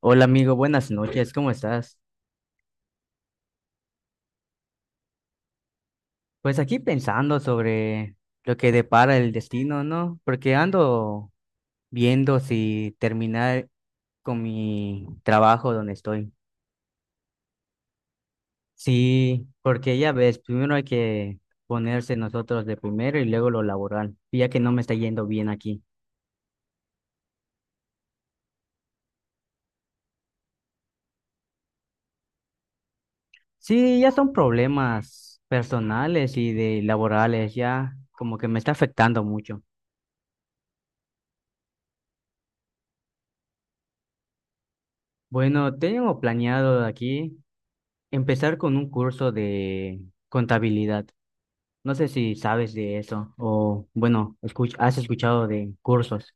Hola amigo, buenas noches, ¿cómo estás? Pues aquí pensando sobre lo que depara el destino, ¿no? Porque ando viendo si terminar con mi trabajo donde estoy. Sí, porque ya ves, primero hay que ponerse nosotros de primero y luego lo laboral, y ya que no me está yendo bien aquí. Sí, ya son problemas personales y de laborales, ya como que me está afectando mucho. Bueno, tengo planeado aquí. Empezar con un curso de contabilidad. No sé si sabes de eso o, bueno, has escuchado de cursos.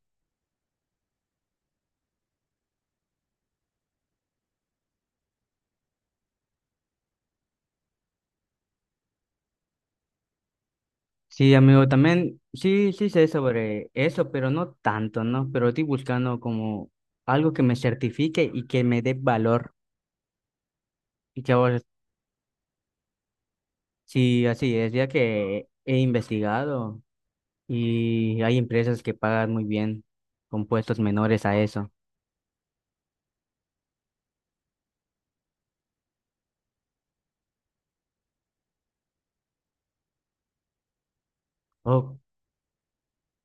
Sí, amigo, también sí, sé sobre eso, pero no tanto, ¿no? Pero estoy buscando como algo que me certifique y que me dé valor. Y que ahora sí, así es, ya que he investigado y hay empresas que pagan muy bien con puestos menores a eso. O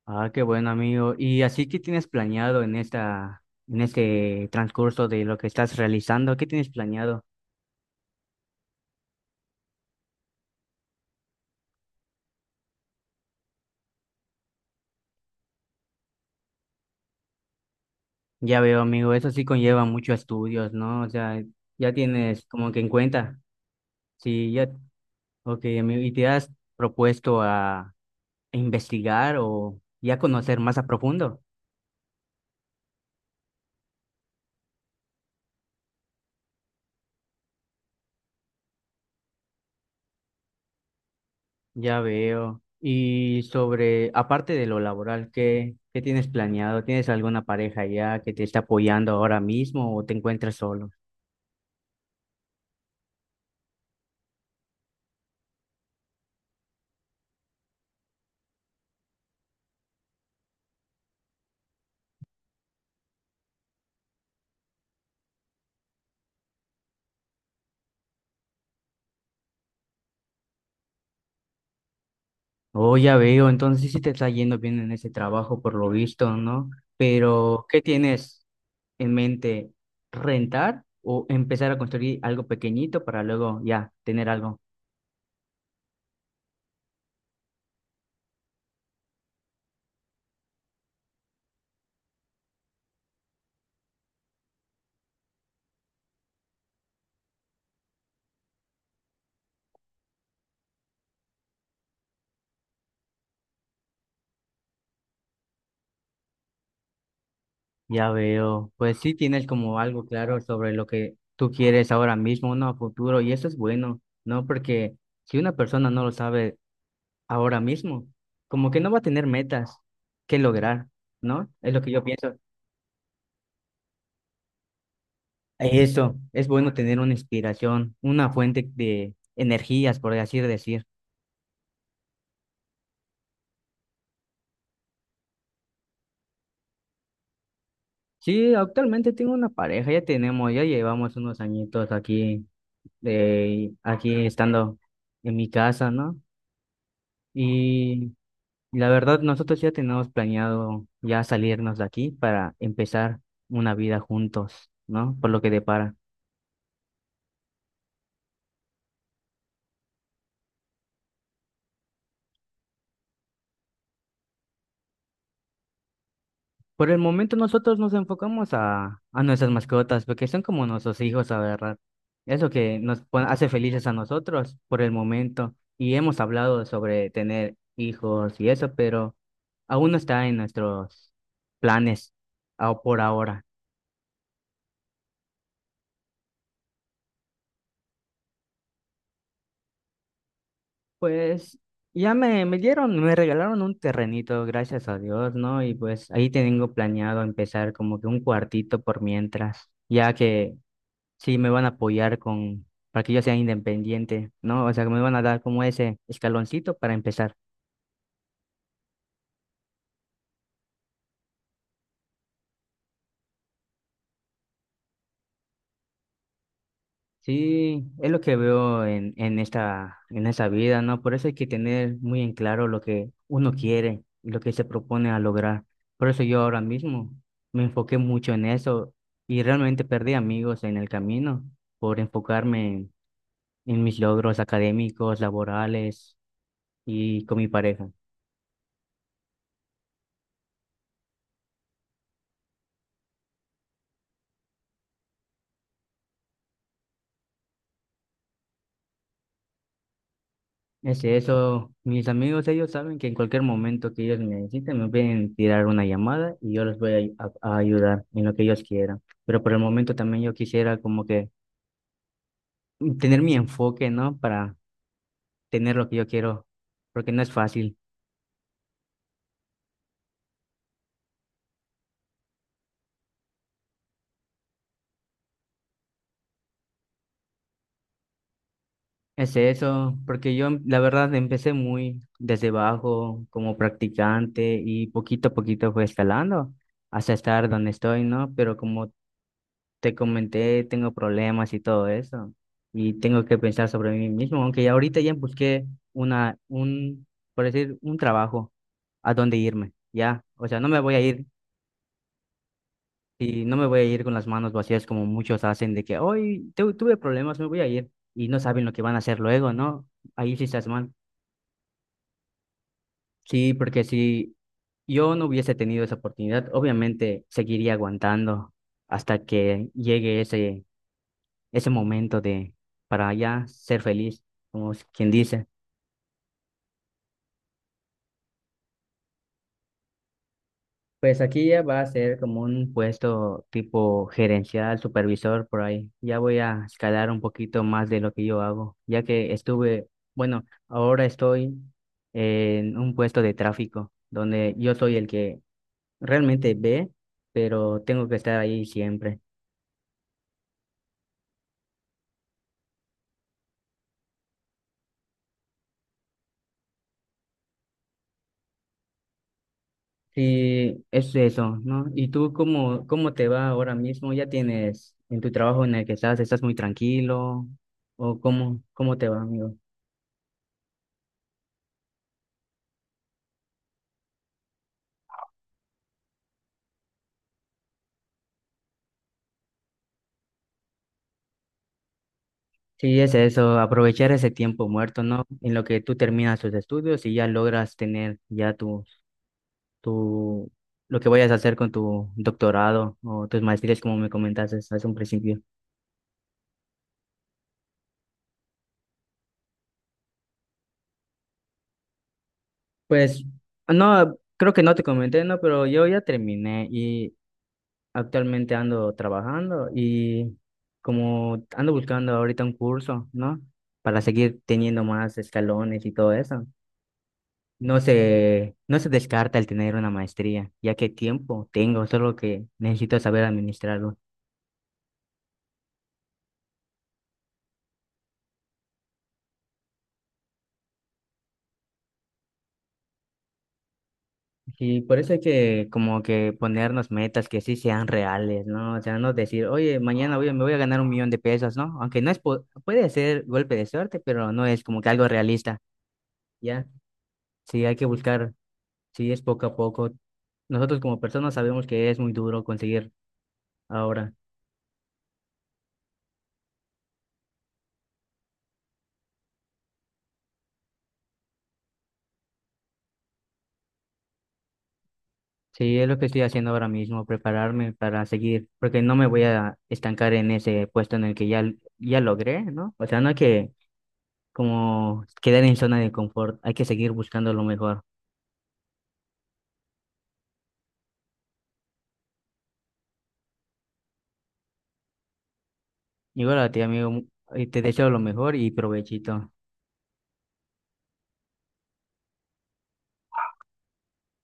Ah, qué bueno, amigo. ¿Y así qué tienes planeado en esta, en este transcurso de lo que estás realizando? ¿Qué tienes planeado? Ya veo, amigo, eso sí conlleva muchos estudios, ¿no? O sea, ya tienes como que en cuenta. Sí, ya, ok, amigo. ¿Y te has propuesto a investigar o ya conocer más a profundo? Ya veo. Y sobre, aparte de lo laboral, ¿qué, tienes planeado? ¿Tienes alguna pareja ya que te está apoyando ahora mismo o te encuentras solo? Oh, ya veo, entonces sí te está yendo bien en ese trabajo por lo visto, ¿no? Pero, ¿qué tienes en mente? ¿Rentar o empezar a construir algo pequeñito para luego ya tener algo? Ya veo, pues sí tienes como algo claro sobre lo que tú quieres ahora mismo, ¿no? A futuro, y eso es bueno, ¿no? Porque si una persona no lo sabe ahora mismo, como que no va a tener metas que lograr, ¿no? Es lo que yo pienso. Eso, es bueno tener una inspiración, una fuente de energías, por así decir. Sí, actualmente tengo una pareja, ya tenemos, ya llevamos unos añitos aquí, de, aquí estando en mi casa, ¿no? Y la verdad, nosotros ya tenemos planeado ya salirnos de aquí para empezar una vida juntos, ¿no? Por lo que depara. Por el momento nosotros nos enfocamos a nuestras mascotas, porque son como nuestros hijos, la verdad. Es lo que hace felices a nosotros por el momento. Y hemos hablado sobre tener hijos y eso, pero aún no está en nuestros planes por ahora. Pues ya me dieron, me regalaron un terrenito, gracias a Dios, ¿no? Y pues ahí tengo planeado empezar como que un cuartito por mientras, ya que sí me van a apoyar con, para que yo sea independiente, ¿no? O sea, que me van a dar como ese escaloncito para empezar. Sí, es lo que veo en esta vida, ¿no? Por eso hay que tener muy en claro lo que uno quiere y lo que se propone a lograr. Por eso yo ahora mismo me enfoqué mucho en eso y realmente perdí amigos en el camino por enfocarme en mis logros académicos, laborales y con mi pareja. Es eso, mis amigos, ellos saben que en cualquier momento que ellos me necesiten, me pueden tirar una llamada y yo les voy a, ayudar en lo que ellos quieran. Pero por el momento también yo quisiera como que tener mi enfoque, ¿no? Para tener lo que yo quiero, porque no es fácil. Es eso, porque yo la verdad empecé muy desde abajo como practicante y poquito a poquito fue escalando hasta estar donde estoy, ¿no? Pero como te comenté, tengo problemas y todo eso, y tengo que pensar sobre mí mismo, aunque ya ahorita ya busqué una, un, por decir, un trabajo a dónde irme, ya, o sea, no me voy a ir, y no me voy a ir con las manos vacías como muchos hacen, de que hoy tuve problemas, me voy a ir, y no saben lo que van a hacer luego, ¿no? Ahí sí estás mal, sí, porque si yo no hubiese tenido esa oportunidad, obviamente seguiría aguantando hasta que llegue ese momento de para ya ser feliz, como es quien dice. Pues aquí ya va a ser como un puesto tipo gerencial, supervisor por ahí. Ya voy a escalar un poquito más de lo que yo hago, ya que estuve, bueno, ahora estoy en un puesto de tráfico, donde yo soy el que realmente ve, pero tengo que estar ahí siempre. Sí, es eso, ¿no? ¿Y tú cómo, te va ahora mismo? ¿Ya tienes en tu trabajo en el que estás, estás muy tranquilo? ¿O cómo, te va, amigo? Sí, es eso, aprovechar ese tiempo muerto, ¿no? En lo que tú terminas tus estudios y ya logras tener ya tu, lo que vayas a hacer con tu doctorado o tus maestrías, como me comentaste hace un principio. Pues, no, creo que no te comenté, ¿no? Pero yo ya terminé. Actualmente ando trabajando y como ando buscando ahorita un curso, ¿no? Para seguir teniendo más escalones y todo eso. No se, no se descarta el tener una maestría, ya que tiempo tengo, solo que necesito saber administrarlo. Y por eso hay que como que ponernos metas que sí sean reales, ¿no? O sea, no decir, oye, mañana me voy a ganar un millón de pesos, ¿no? Aunque no es, puede ser golpe de suerte, pero no es como que algo realista, ¿ya? Sí, hay que buscar. Sí, es poco a poco. Nosotros como personas sabemos que es muy duro conseguir ahora. Sí, es lo que estoy haciendo ahora mismo, prepararme para seguir, porque no me voy a estancar en ese puesto en el que ya, ya logré, ¿no? O sea, no hay que como quedar en zona de confort, hay que seguir buscando lo mejor. Igual a ti, amigo, mu- y te deseo lo mejor y provechito.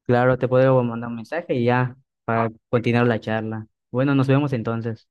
Claro, te puedo mandar un mensaje y ya para continuar la charla. Bueno, nos vemos entonces.